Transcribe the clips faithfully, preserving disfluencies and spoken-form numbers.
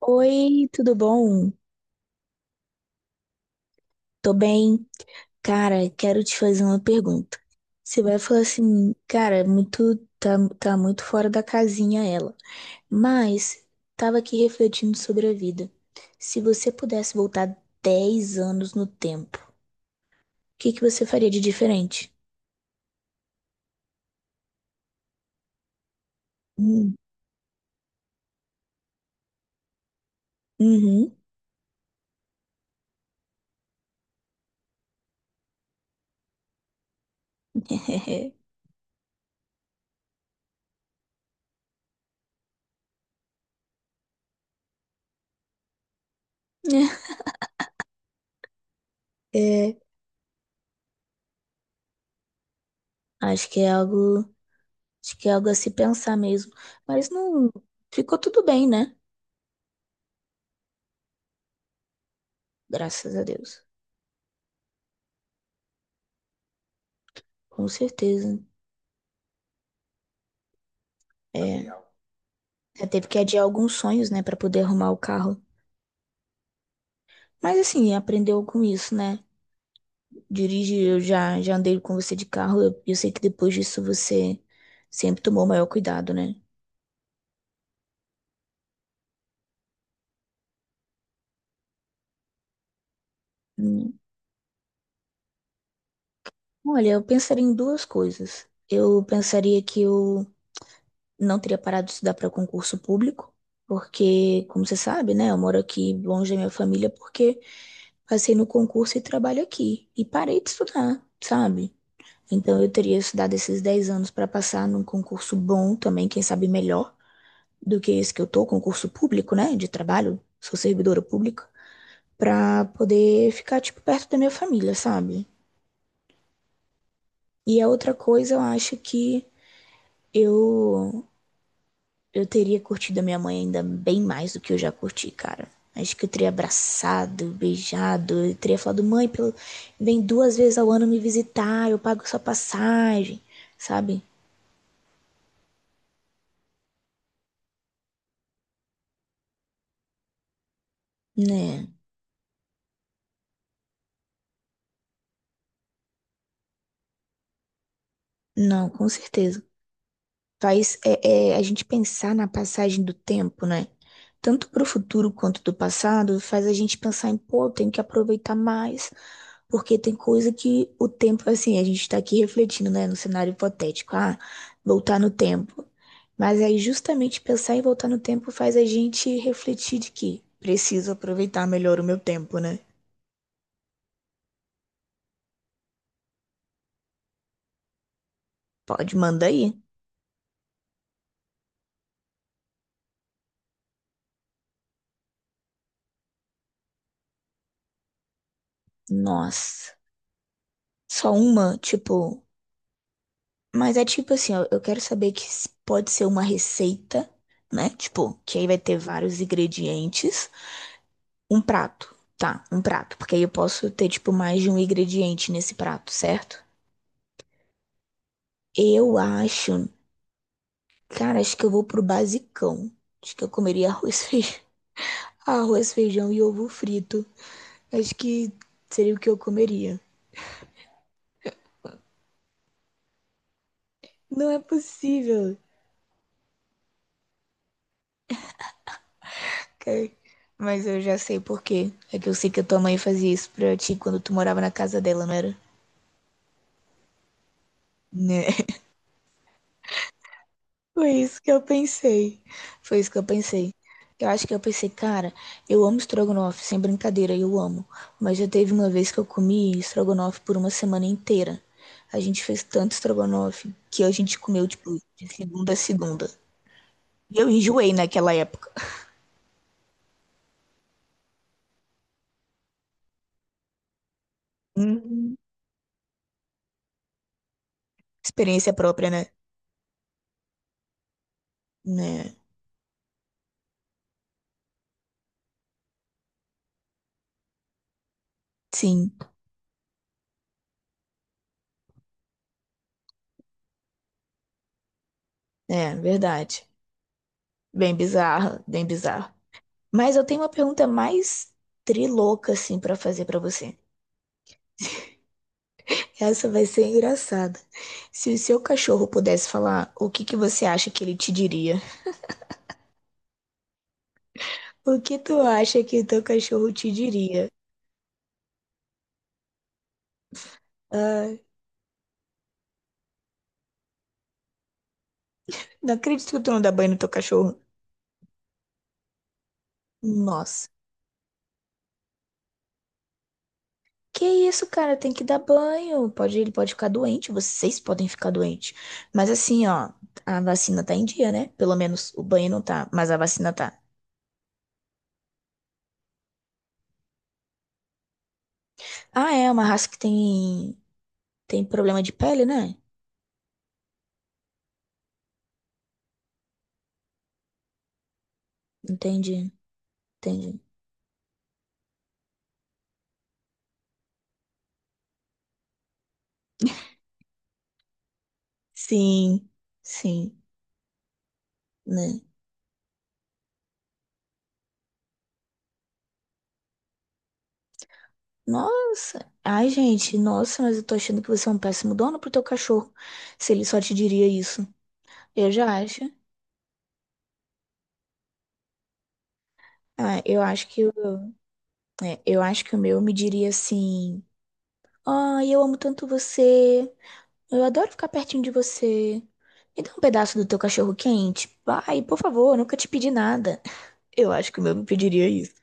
Oi, tudo bom? Tô bem. Cara, quero te fazer uma pergunta. Você vai falar assim, cara, muito tá, tá muito fora da casinha ela. Mas tava aqui refletindo sobre a vida. Se você pudesse voltar dez anos no tempo, o que que você faria de diferente? Hum, Uhum. É, acho que é algo, acho que é algo a se pensar mesmo. Mas não ficou tudo bem, né? Graças a Deus. Com certeza. É, já teve que adiar alguns sonhos, né, pra poder arrumar o carro. Mas assim, aprendeu com isso, né? Dirige, eu já, já andei com você de carro, eu, eu sei que depois disso você sempre tomou maior cuidado, né? Hum, Olha, eu pensaria em duas coisas. Eu pensaria que eu não teria parado de estudar para concurso público, porque, como você sabe, né, eu moro aqui longe da minha família porque passei no concurso e trabalho aqui. E parei de estudar, sabe? Então eu teria estudado esses dez anos para passar num concurso bom também, quem sabe melhor do que esse que eu tô, concurso público, né, de trabalho, sou servidora pública, para poder ficar tipo perto da minha família, sabe? E a outra coisa, eu acho que eu eu teria curtido a minha mãe ainda bem mais do que eu já curti, cara. Acho que eu teria abraçado, beijado, eu teria falado, mãe, pelo... vem duas vezes ao ano me visitar, eu pago sua passagem, sabe? Né? Não, com certeza. Faz é, é, a gente pensar na passagem do tempo, né? Tanto para o futuro quanto do passado, faz a gente pensar em, pô, tem que aproveitar mais, porque tem coisa que o tempo, assim, a gente está aqui refletindo, né, no cenário hipotético, ah, voltar no tempo. Mas aí justamente pensar em voltar no tempo faz a gente refletir de que preciso aproveitar melhor o meu tempo, né? Pode, manda aí. Nossa, só uma, tipo. Mas é tipo assim, ó, eu quero saber que s- pode ser uma receita, né? Tipo, que aí vai ter vários ingredientes. Um prato, tá? Um prato, porque aí eu posso ter, tipo, mais de um ingrediente nesse prato, certo? Eu acho, cara, acho que eu vou pro basicão. Acho que eu comeria arroz, feijão, arroz, feijão e ovo frito. Acho que seria o que eu comeria. Não é possível, cara. Mas eu já sei por quê. É que eu sei que a tua mãe fazia isso pra ti quando tu morava na casa dela, não era? Né? Foi isso que eu pensei. Foi isso que eu pensei. Eu acho que eu pensei, cara, eu amo estrogonofe, sem brincadeira, eu amo. Mas já teve uma vez que eu comi estrogonofe por uma semana inteira. A gente fez tanto estrogonofe que a gente comeu, tipo, de segunda a segunda. E eu enjoei naquela época. Uhum. Experiência própria, né? Né? Sim, é verdade. Bem bizarra, bem bizarro. Mas eu tenho uma pergunta mais trilouca, assim, pra fazer pra você. Essa vai ser engraçada. Se o seu cachorro pudesse falar, o que que você acha que ele te diria? O que tu acha que o teu cachorro te diria? Ah, não acredito que tu não dá banho no teu cachorro. Nossa. Que isso, cara? Tem que dar banho. Pode, ele pode ficar doente, vocês podem ficar doentes. Mas assim, ó, a vacina tá em dia, né? Pelo menos o banho não tá, mas a vacina tá. Ah, é uma raça que tem tem problema de pele, né? Entendi, entendi. Sim, sim, né? Nossa. Ai, gente, nossa, mas eu tô achando que você é um péssimo dono pro teu cachorro, se ele só te diria isso. Eu já acho. Ah, eu acho que, o- É, eu acho que o meu me diria assim: Ai, eu amo tanto você. Eu adoro ficar pertinho de você. Me dá um pedaço do teu cachorro quente. Vai, por favor, eu nunca te pedi nada. Eu acho que o meu me pediria isso.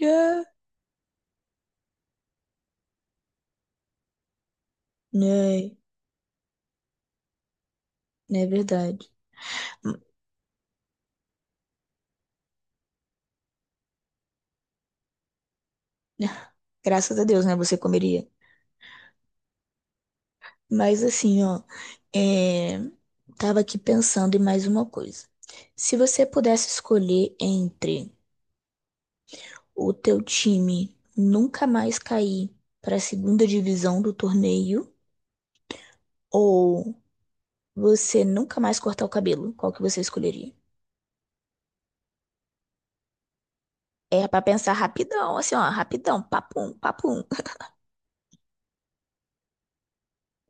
É. Né, não é verdade. Hum, Graças a Deus, né? Você comeria. Mas assim, ó, é... tava aqui pensando em mais uma coisa. Se você pudesse escolher entre o teu time nunca mais cair para a segunda divisão do torneio ou você nunca mais cortar o cabelo, qual que você escolheria? É pra pensar rapidão, assim, ó, rapidão, papum, papum.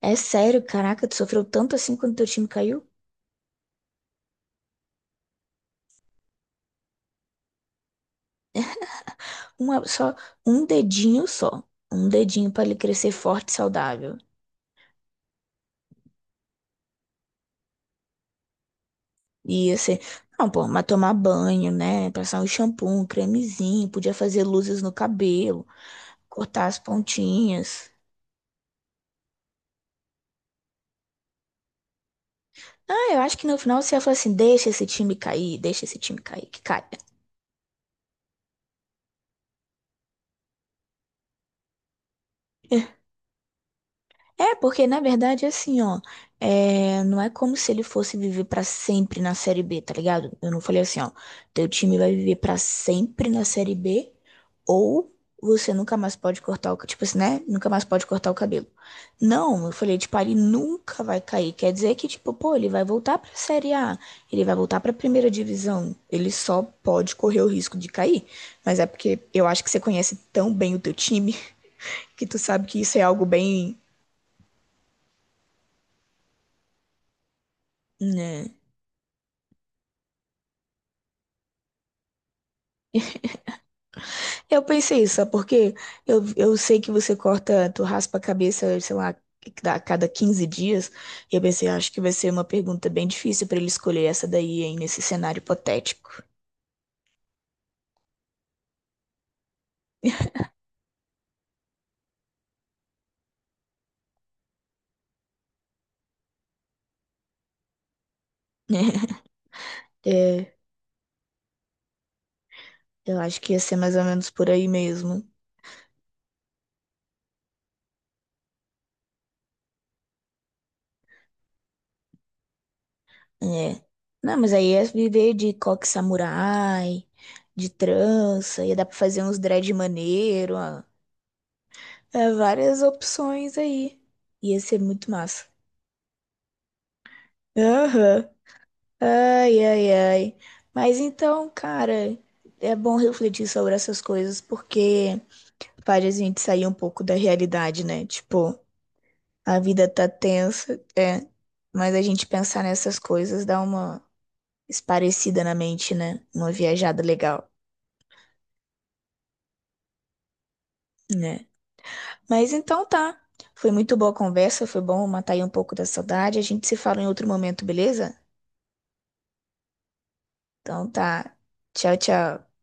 É sério, caraca, tu sofreu tanto assim quando teu time caiu? Uma, só um dedinho só. Um dedinho pra ele crescer forte e saudável. E assim, não, pô, mas tomar banho, né? Passar um shampoo, um cremezinho, podia fazer luzes no cabelo, cortar as pontinhas. Ah, eu acho que no final você ia falar assim: deixa esse time cair, deixa esse time cair, que caia. É, porque na verdade, assim, ó, é, não é como se ele fosse viver pra sempre na Série B, tá ligado? Eu não falei assim, ó, teu time vai viver pra sempre na Série B, ou você nunca mais pode cortar o, ca- tipo assim, né? Nunca mais pode cortar o cabelo. Não, eu falei, tipo, ah, ele nunca vai cair. Quer dizer que, tipo, pô, ele vai voltar pra Série A, ele vai voltar pra primeira divisão. Ele só pode correr o risco de cair. Mas é porque eu acho que você conhece tão bem o teu time que tu sabe que isso é algo bem, né? Eu pensei isso, sabe por quê? Eu, eu sei que você corta, tu raspa a cabeça, sei lá, a cada quinze dias. E eu pensei, "Ah, acho que vai ser uma pergunta bem difícil pra ele escolher essa daí, hein, nesse cenário hipotético." É, eu acho que ia ser mais ou menos por aí mesmo. É. Não, mas aí ia viver de coque samurai, de trança, ia dar pra fazer uns dread maneiro, ó. É, várias opções aí. Ia ser muito massa. Aham. Ai, ai, ai. Mas então, cara, é bom refletir sobre essas coisas porque faz a gente sair um pouco da realidade, né? Tipo, a vida tá tensa, é, mas a gente pensar nessas coisas dá uma esparecida na mente, né? Uma viajada legal, né? Mas então tá. Foi muito boa a conversa, foi bom matar aí um pouco da saudade. A gente se fala em outro momento, beleza? Então tá. Tchau, tchau.